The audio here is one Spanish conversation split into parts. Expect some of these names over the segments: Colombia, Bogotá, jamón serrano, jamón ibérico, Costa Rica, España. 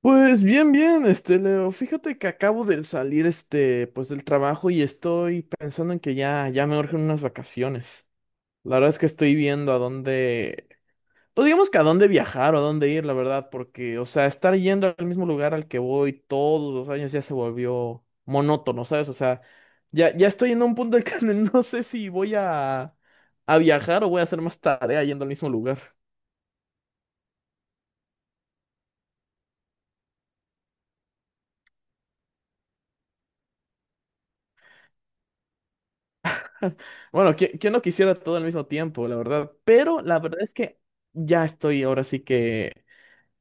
Pues bien, bien, este Leo, fíjate que acabo de salir, este, pues del trabajo y estoy pensando en que ya me urgen unas vacaciones. La verdad es que estoy viendo a dónde, pues digamos que a dónde viajar o a dónde ir, la verdad, porque, o sea, estar yendo al mismo lugar al que voy todos los años ya se volvió monótono, ¿sabes? O sea, ya estoy en un punto en el que no sé si voy a viajar o voy a hacer más tarea yendo al mismo lugar. Bueno, ¿quién no quisiera todo al mismo tiempo, la verdad? Pero la verdad es que ya estoy, ahora sí que,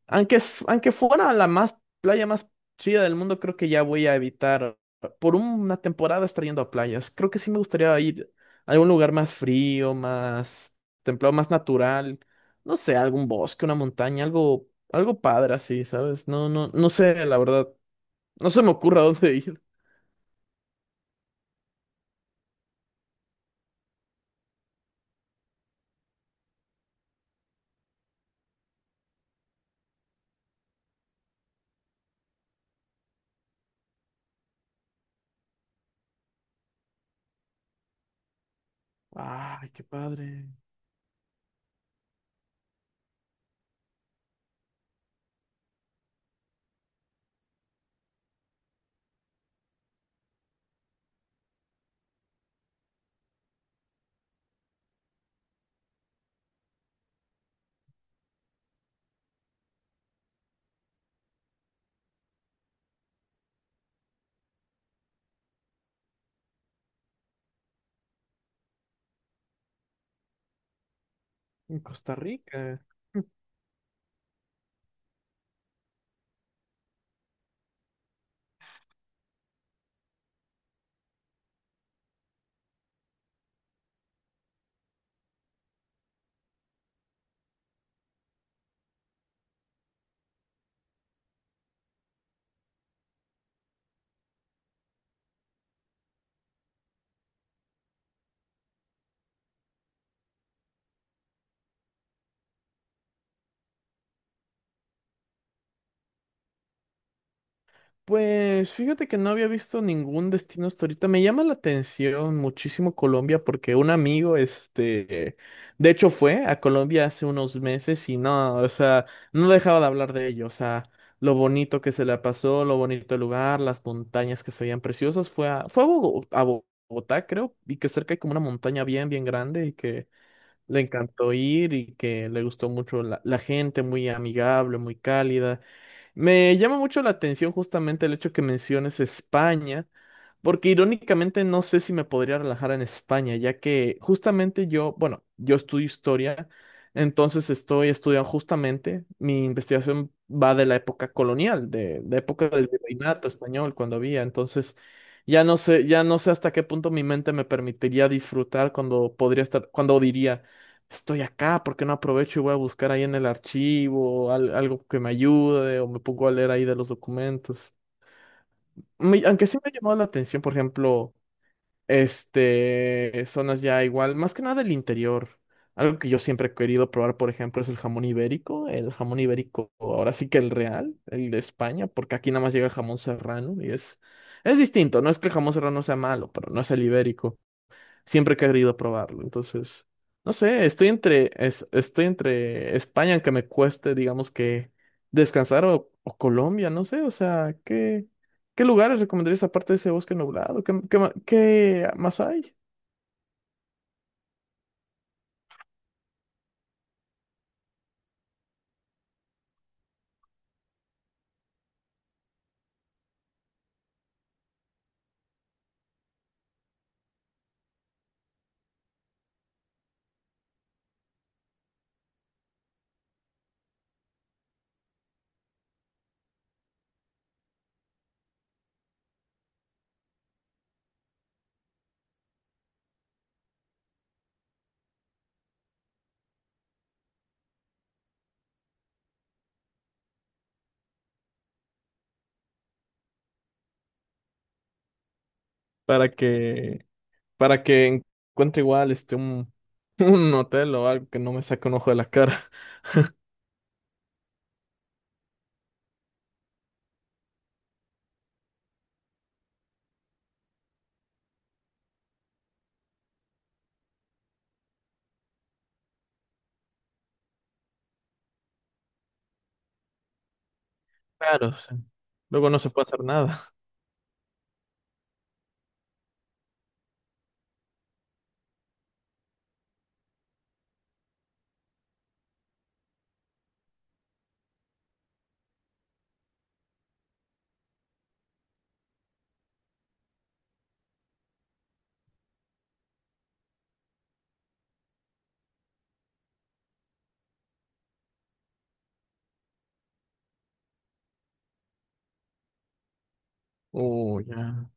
aunque, aunque fuera la más playa más chida del mundo, creo que ya voy a evitar por una temporada estar yendo a playas. Creo que sí me gustaría ir a algún lugar más frío, más templado, más natural. No sé, algún bosque, una montaña, algo, algo padre así, ¿sabes? No, no, no sé, la verdad. No se me ocurre a dónde ir. Ay, qué padre. En Costa Rica. Pues fíjate que no había visto ningún destino hasta ahorita. Me llama la atención muchísimo Colombia porque un amigo, este, de hecho fue a Colombia hace unos meses y no, o sea, no dejaba de hablar de ello. O sea, lo bonito que se le pasó, lo bonito el lugar, las montañas que se veían preciosas. Fue a a Bogotá, creo, y que cerca hay como una montaña bien, bien grande y que le encantó ir y que le gustó mucho la gente, muy amigable, muy cálida. Me llama mucho la atención justamente el hecho que menciones España, porque irónicamente no sé si me podría relajar en España, ya que justamente yo, bueno, yo estudio historia, entonces estoy estudiando justamente, mi investigación va de la época colonial, de la época del virreinato español, cuando había, entonces ya no sé hasta qué punto mi mente me permitiría disfrutar cuando podría estar, cuando diría estoy acá, ¿por qué no aprovecho y voy a buscar ahí en el archivo algo que me ayude o me pongo a leer ahí de los documentos? Aunque sí me ha llamado la atención, por ejemplo, este, zonas ya igual, más que nada del interior. Algo que yo siempre he querido probar, por ejemplo, es el jamón ibérico, ahora sí que el real, el de España, porque aquí nada más llega el jamón serrano y es distinto, no es que el jamón serrano sea malo, pero no es el ibérico, siempre he querido probarlo. Entonces, no sé, estoy entre España, aunque me cueste, digamos que descansar, o Colombia, no sé, o sea, ¿qué, qué lugares recomendarías aparte de ese bosque nublado? ¿Qué, qué, qué más hay? Para que, para que encuentre igual este un, un hotel o algo que no me saque un ojo de la cara. Claro, o sea, luego no se puede hacer nada. Oh, ya.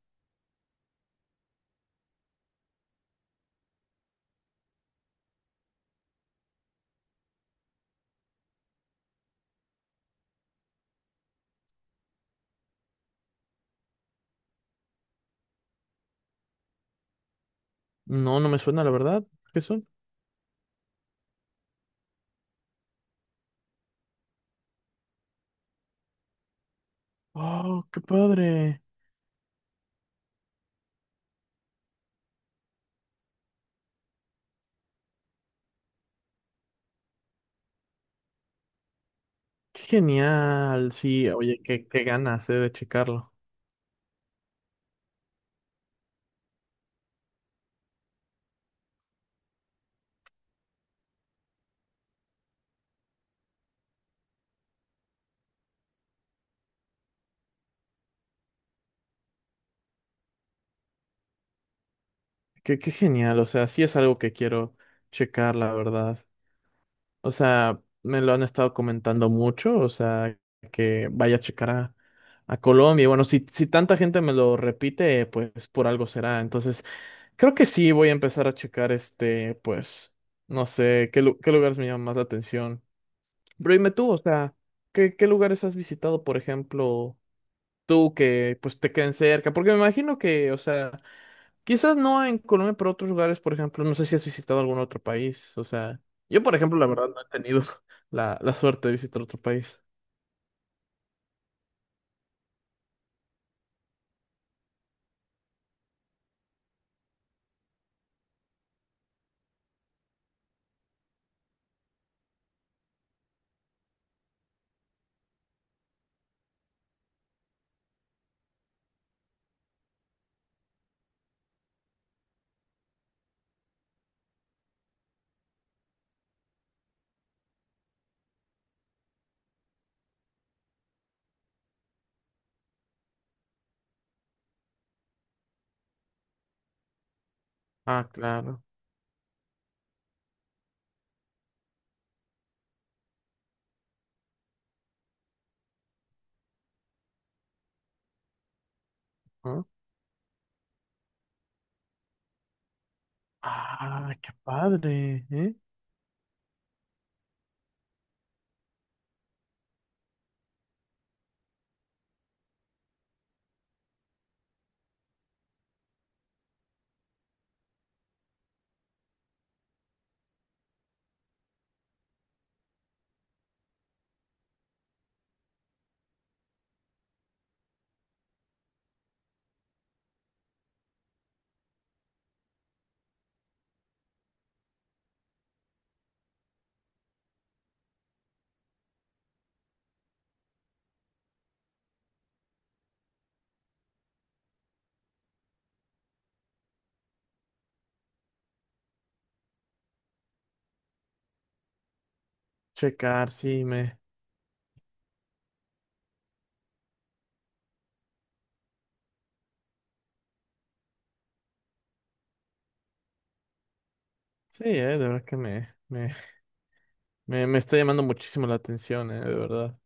No, no me suena, la verdad. ¿Qué son? Oh, qué padre. Qué genial, sí, oye, qué, qué ganas, de checarlo. Qué, qué genial, o sea, sí es algo que quiero checar, la verdad. O sea, me lo han estado comentando mucho, o sea, que vaya a a Colombia. Y bueno, si, si tanta gente me lo repite, pues por algo será. Entonces, creo que sí voy a empezar a checar, este, pues, no sé, qué, qué lugares me llaman más la atención. Pero dime tú, o sea, ¿qué, qué lugares has visitado, por ejemplo? Tú que pues te queden cerca, porque me imagino que, o sea, quizás no en Colombia, pero otros lugares, por ejemplo, no sé si has visitado algún otro país, o sea, yo por ejemplo, la verdad no he tenido la suerte de visitar otro país. Ah, claro. ¿No? Ah, qué padre, ¿eh? Checar, sí, sí, de verdad que me está llamando muchísimo la atención, de verdad,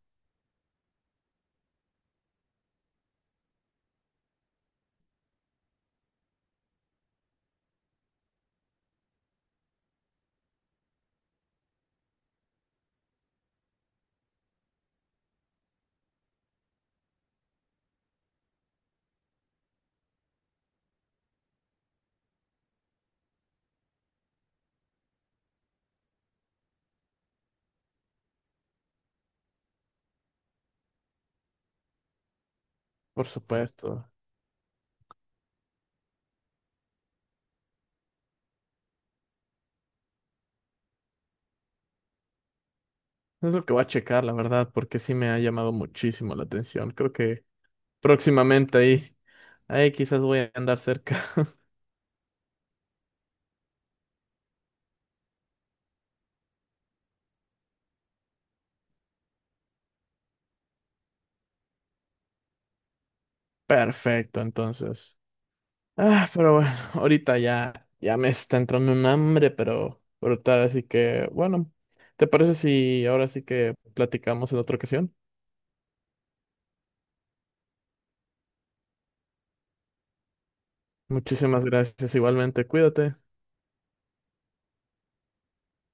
por supuesto. Es lo que voy a checar, la verdad, porque sí me ha llamado muchísimo la atención. Creo que próximamente ahí. Ahí quizás voy a andar cerca. Perfecto, entonces. Ah, pero bueno, ahorita ya me está entrando un hambre, pero brutal, así que bueno, ¿te parece si ahora sí que platicamos en otra ocasión? Muchísimas gracias, igualmente, cuídate.